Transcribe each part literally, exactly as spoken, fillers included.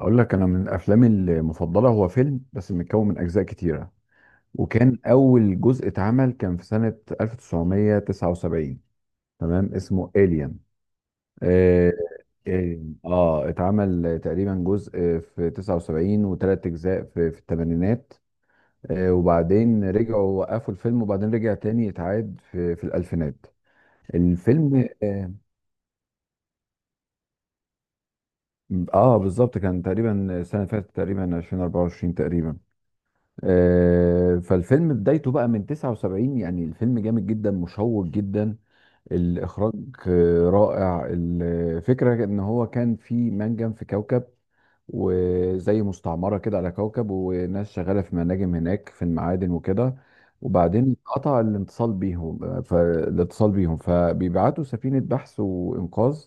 اقول لك انا من افلامي المفضله هو فيلم بس متكون من اجزاء كتيره. وكان اول جزء اتعمل كان في سنه ألف وتسعمية وتسعة وسبعين. تمام اسمه الين. اه. آه، آه، اتعمل تقريبا جزء في تسعة وسبعين وثلاث اجزاء في في الثمانينات. آه، وبعدين رجعوا وقفوا الفيلم وبعدين رجع تاني اتعاد في في الالفينات. الفيلم اه, آه بالظبط كان تقريبا السنه اللي فاتت تقريبا ألفين واربعة وعشرين تقريبا. آه، فالفيلم بدايته بقى من تسعة وسبعين، يعني الفيلم جامد جدا مشوق جدا. الإخراج آه، رائع. الفكرة إن هو كان في منجم في كوكب، وزي مستعمرة كده على كوكب، وناس شغالة في مناجم هناك في المعادن وكده. وبعدين قطع الاتصال بيهم، فالاتصال بيهم فبيبعتوا سفينة بحث وإنقاذ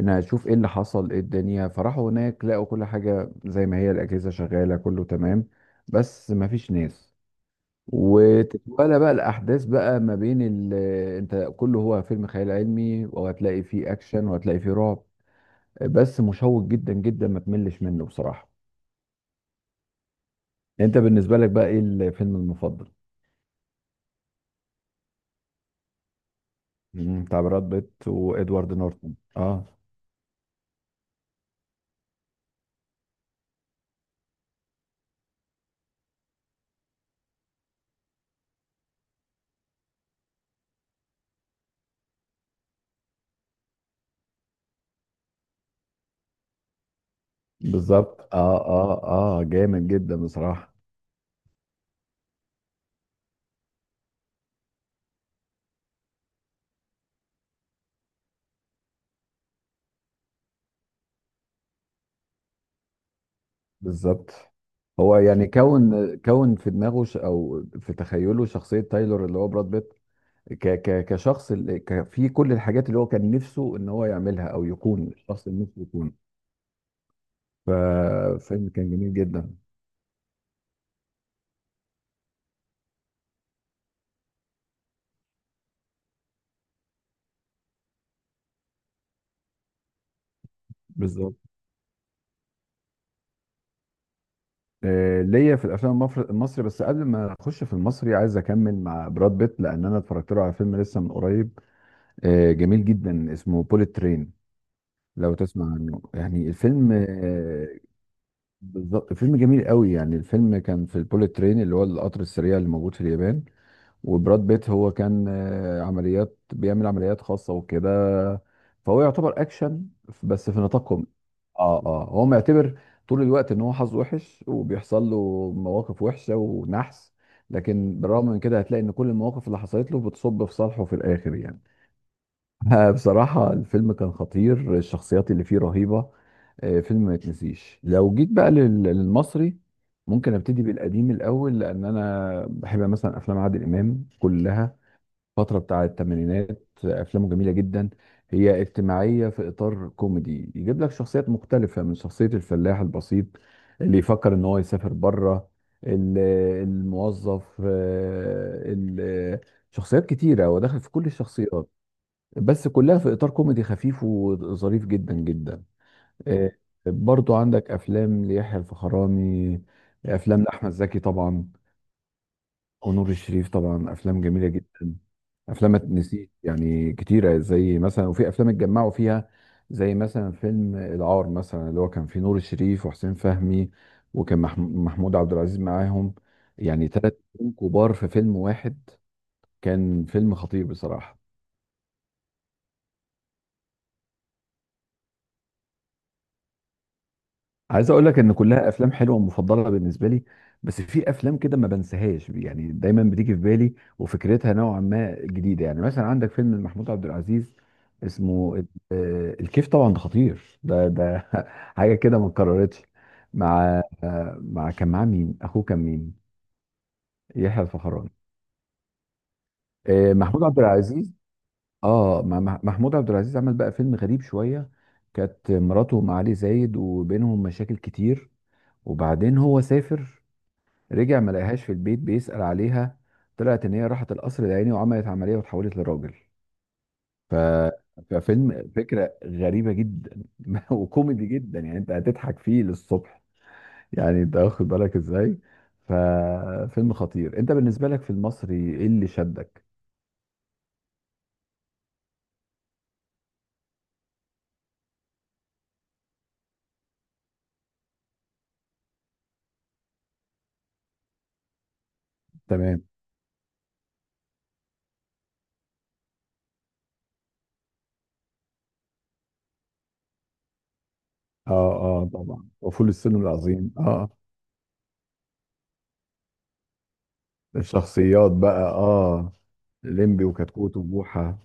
ان اشوف ايه اللي حصل ايه الدنيا. فراحوا هناك لقوا كل حاجه زي ما هي، الاجهزه شغاله كله تمام، بس ما فيش ناس. وتتوالى بقى الاحداث بقى ما بين ال... انت كله هو فيلم خيال علمي، وهتلاقي فيه اكشن وهتلاقي فيه رعب، بس مشوق جدا جدا ما تملش منه بصراحه. انت بالنسبه لك بقى ايه الفيلم المفضل؟ مم، بتاع براد بيت وادوارد نورتون. اه بالظبط. اه اه. اه جامد جدا بصراحه. بالظبط. هو يعني كون كون في دماغه ش... او في تخيله شخصيه تايلور اللي هو براد بيت. ك... ك... كشخص اللي ك... في كل الحاجات اللي هو كان نفسه ان هو يعملها، او يكون الشخص اللي نفسه يكون. ففيلم كان جميل جدا. بالظبط. آه، ليا في الافلام المفر- المصري، بس قبل ما اخش في المصري عايز اكمل مع براد بيت، لان انا اتفرجت له على فيلم لسه من قريب. آه، جميل جدا اسمه بوليت ترين. لو تسمع عنه، يعني الفيلم آه، بالظبط فيلم جميل قوي. يعني الفيلم كان في البوليت ترين اللي هو القطر السريع اللي موجود في اليابان. وبراد بيت هو كان آه، عمليات بيعمل عمليات خاصة وكده، فهو يعتبر اكشن بس في نطاق كوميدي. اه اه هو معتبر طول الوقت ان هو حظه وحش وبيحصل له مواقف وحشة ونحس، لكن بالرغم من كده هتلاقي ان كل المواقف اللي حصلت له بتصب في صالحه في الاخر يعني. آه، بصراحة الفيلم كان خطير، الشخصيات اللي فيه رهيبة. آه، فيلم ما يتنسيش. لو جيت بقى لل- للمصري، ممكن ابتدي بالقديم الأول، لأن أنا بحب مثلا أفلام عادل إمام كلها. فترة بتاع الثمانينات آه، أفلامه جميلة جدا. هي اجتماعية في إطار كوميدي، يجيب لك شخصيات مختلفة من شخصية الفلاح البسيط اللي يفكر إن هو يسافر بره، ال- الموظف آه، ال- شخصيات كتيرة ودخل في كل الشخصيات، بس كلها في اطار كوميدي خفيف وظريف جدا جدا. آه، برضو عندك افلام ليحيى الفخراني، افلام لاحمد زكي طبعا، ونور الشريف طبعا، افلام جميله جدا. افلام ما تنسيش يعني كتيره، زي مثلا وفي افلام اتجمعوا فيها، زي مثلا فيلم العار مثلا اللي هو كان فيه نور الشريف وحسين فهمي، وكان مح- محمود عبد العزيز معاهم. يعني ثلاث نجوم كبار في فيلم واحد، كان فيلم خطير بصراحه. عايز اقول لك ان كلها افلام حلوه ومفضله بالنسبه لي، بس في افلام كده ما بنساهاش يعني، دايما بتيجي في بالي وفكرتها نوعا ما جديده. يعني مثلا عندك فيلم محمود عبد العزيز اسمه ال- آه، الكيف. طبعا ده خطير ده ده حاجه كده ما اتكررتش. مع آه، مع كان معاه مين؟ اخوه كان مين؟ يحيى الفخراني. آه، محمود عبد العزيز. اه مع- مع- محمود عبد العزيز عمل بقى فيلم غريب شويه. كانت مراته مع علي زايد وبينهم مشاكل كتير، وبعدين هو سافر، رجع ما لقاهاش في البيت، بيسأل عليها، طلعت ان هي راحت القصر العيني وعملت عملية واتحولت لراجل. ف... ففيلم فكرة غريبة جدا. وكوميدي جدا، يعني انت هتضحك فيه للصبح. يعني انت واخد بالك ازاي، ففيلم خطير. انت بالنسبة لك في المصري ايه اللي شدك؟ تمام. اه اه طبعا، وفول الصين العظيم اه. الشخصيات بقى اه، ليمبي وكتكوت وبوحة.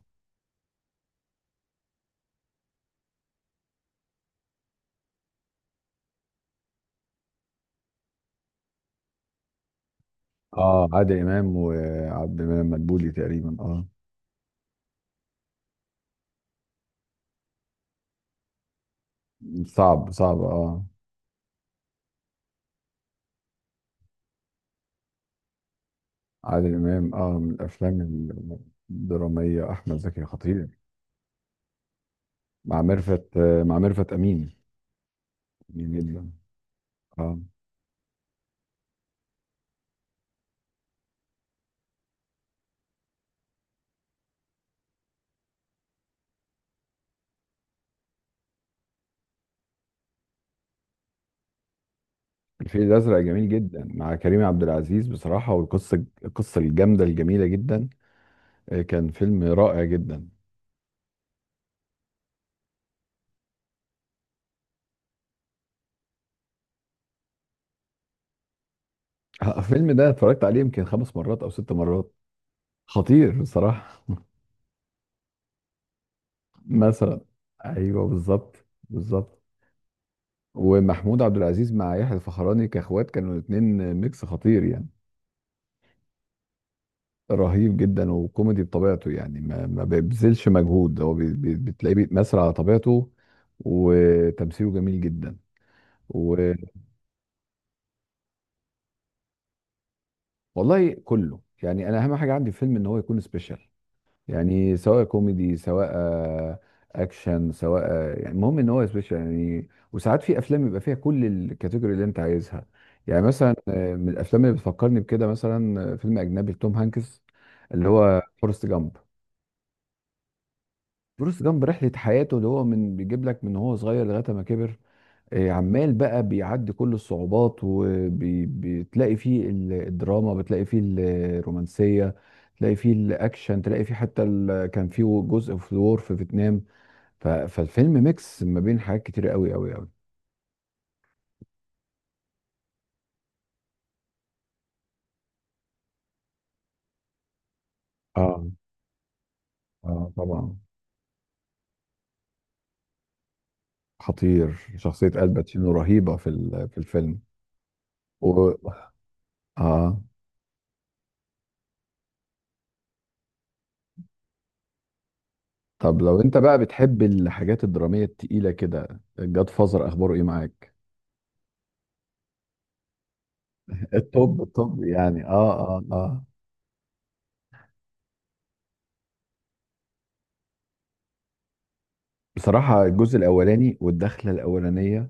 اه عادل امام وعبد المنعم مدبولي تقريبا اه. صعب صعب اه. عادل إمام اه من الأفلام الدرامية. أحمد زكي خطير. مع ميرفت آه، مع ميرفت أمين. جميل جدا اه. الفيل الأزرق جميل جدا مع كريم عبد العزيز بصراحة. والقصة القصة الجامدة الجميلة جدا. آه، كان فيلم رائع جدا. آه، الفيلم ده اتفرجت عليه يمكن خمس مرات أو ست مرات. خطير بصراحة. مثلا. أيوه بالظبط بالظبط ومحمود عبد العزيز مع يحيى الفخراني كاخوات كانوا الاتنين، ميكس خطير يعني. رهيب جدا وكوميدي بطبيعته، يعني ما, ما بيبذلش مجهود، هو بي- بي- بتلاقيه بيتمثل على طبيعته. وتمثيله جميل جدا. و... والله كله يعني. انا اهم حاجه عندي في الفيلم ان هو يكون سبيشال، يعني سواء كوميدي، سواء آه، اكشن، سواء آه، يعني المهم ان هو سبيشال يعني. وساعات في افلام يبقى فيها كل الكاتيجوري اللي انت عايزها. يعني مثلا آه، من الافلام اللي بتفكرني بكده مثلا آه، فيلم اجنبي لتوم هانكس اللي هو فورست جامب. فورست جامب رحلة حياته، اللي هو من بيجيب لك من هو صغير لغاية ما كبر. آه، عمال بقى بيعدي كل الصعوبات، وبتلاقي فيه ال- الدراما، بتلاقي فيه الرومانسية، تلاقي فيه الأكشن، تلاقي فيه حتى ال- كان فيه جزء في الور في فيتنام. ف- فالفيلم ميكس ما بين حاجات كتير قوي قوي قوي. اه اه طبعا. خطير، شخصية الباتشينو رهيبة في ال- في الفيلم. و... اه. طب لو انت بقى بتحب الحاجات الدرامية التقيلة كده، الجاد فازر اخباره ايه معاك؟ الطب الطب يعني اه اه اه. بصراحة الجزء الأولاني والدخلة الأولانية،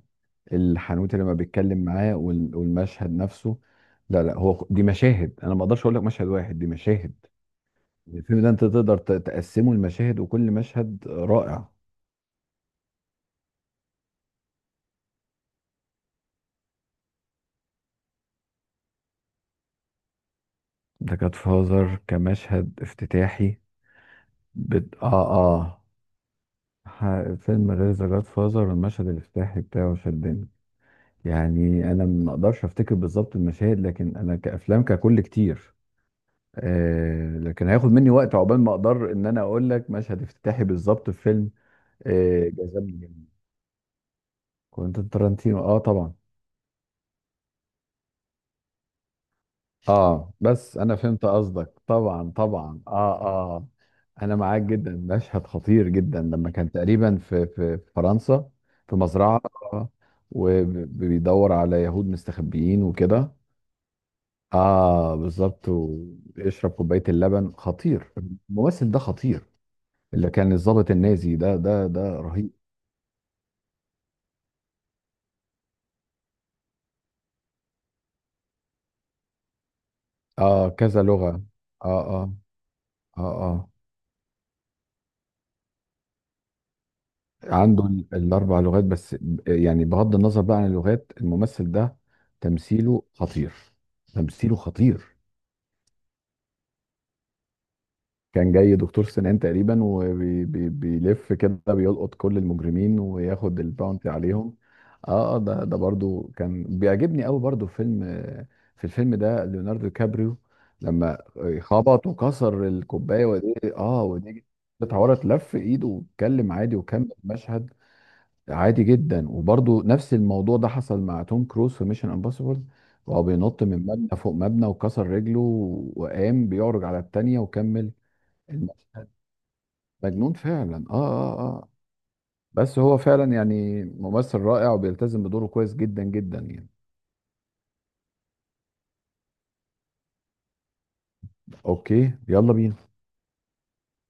الحنوتة لما بيتكلم معاه وال- والمشهد نفسه. لا لا، هو دي مشاهد، أنا ما أقدرش أقول لك مشهد واحد، دي مشاهد. الفيلم ده أنت تقدر ت- تقسمه لمشاهد، وكل مشهد رائع. ده كانت فازر كمشهد افتتاحي. بت... اه اه. ح- فيلم غير ذا جاد فازر المشهد الافتتاحي بتاعه شدني. يعني أنا ما أقدرش أفتكر بالظبط المشاهد، لكن أنا كأفلام ككل كتير. آه، لكن هياخد مني وقت عقبال ما اقدر ان انا اقول لك مشهد افتتاحي بالظبط في فيلم. آه، جذبني جدا. كوينتين ترنتينو اه طبعا. اه بس انا فهمت قصدك، طبعا طبعا اه اه. انا معاك جدا. مشهد خطير جدا، لما كان تقريبا في في في فرنسا في مزرعة. آه، وبيدور على يهود مستخبيين وكده. اه بالظبط، ويشرب كوباية اللبن، خطير. الممثل ده خطير، اللي كان الضابط النازي ده ده ده رهيب. اه كذا لغة. اه اه اه اه. عنده ال- الاربع لغات بس. يعني بغض النظر بقى عن اللغات، الممثل ده تمثيله خطير. تمثيله خطير كان جاي دكتور سنان تقريبا، وبيلف كده بيلقط كل المجرمين وياخد الباونتي عليهم. اه آه، ده ده برضو كان بيعجبني قوي، برضو فيلم. في الفيلم ده ليوناردو دي كابريو لما خبط وكسر الكوبايه، ودي اه ودي اتعورت، لف ايده واتكلم عادي وكمل المشهد. عادي جدا. وبرضو نفس الموضوع ده حصل مع توم كروز في ميشن امبوسيبل، وهو بينط من مبنى فوق مبنى وكسر رجله، وقام بيعرج على التانية وكمل المشهد. مجنون فعلا اه اه اه. بس هو فعلا يعني ممثل رائع، وبيلتزم بدوره كويس جدا جدا يعني. اوكي يلا بينا.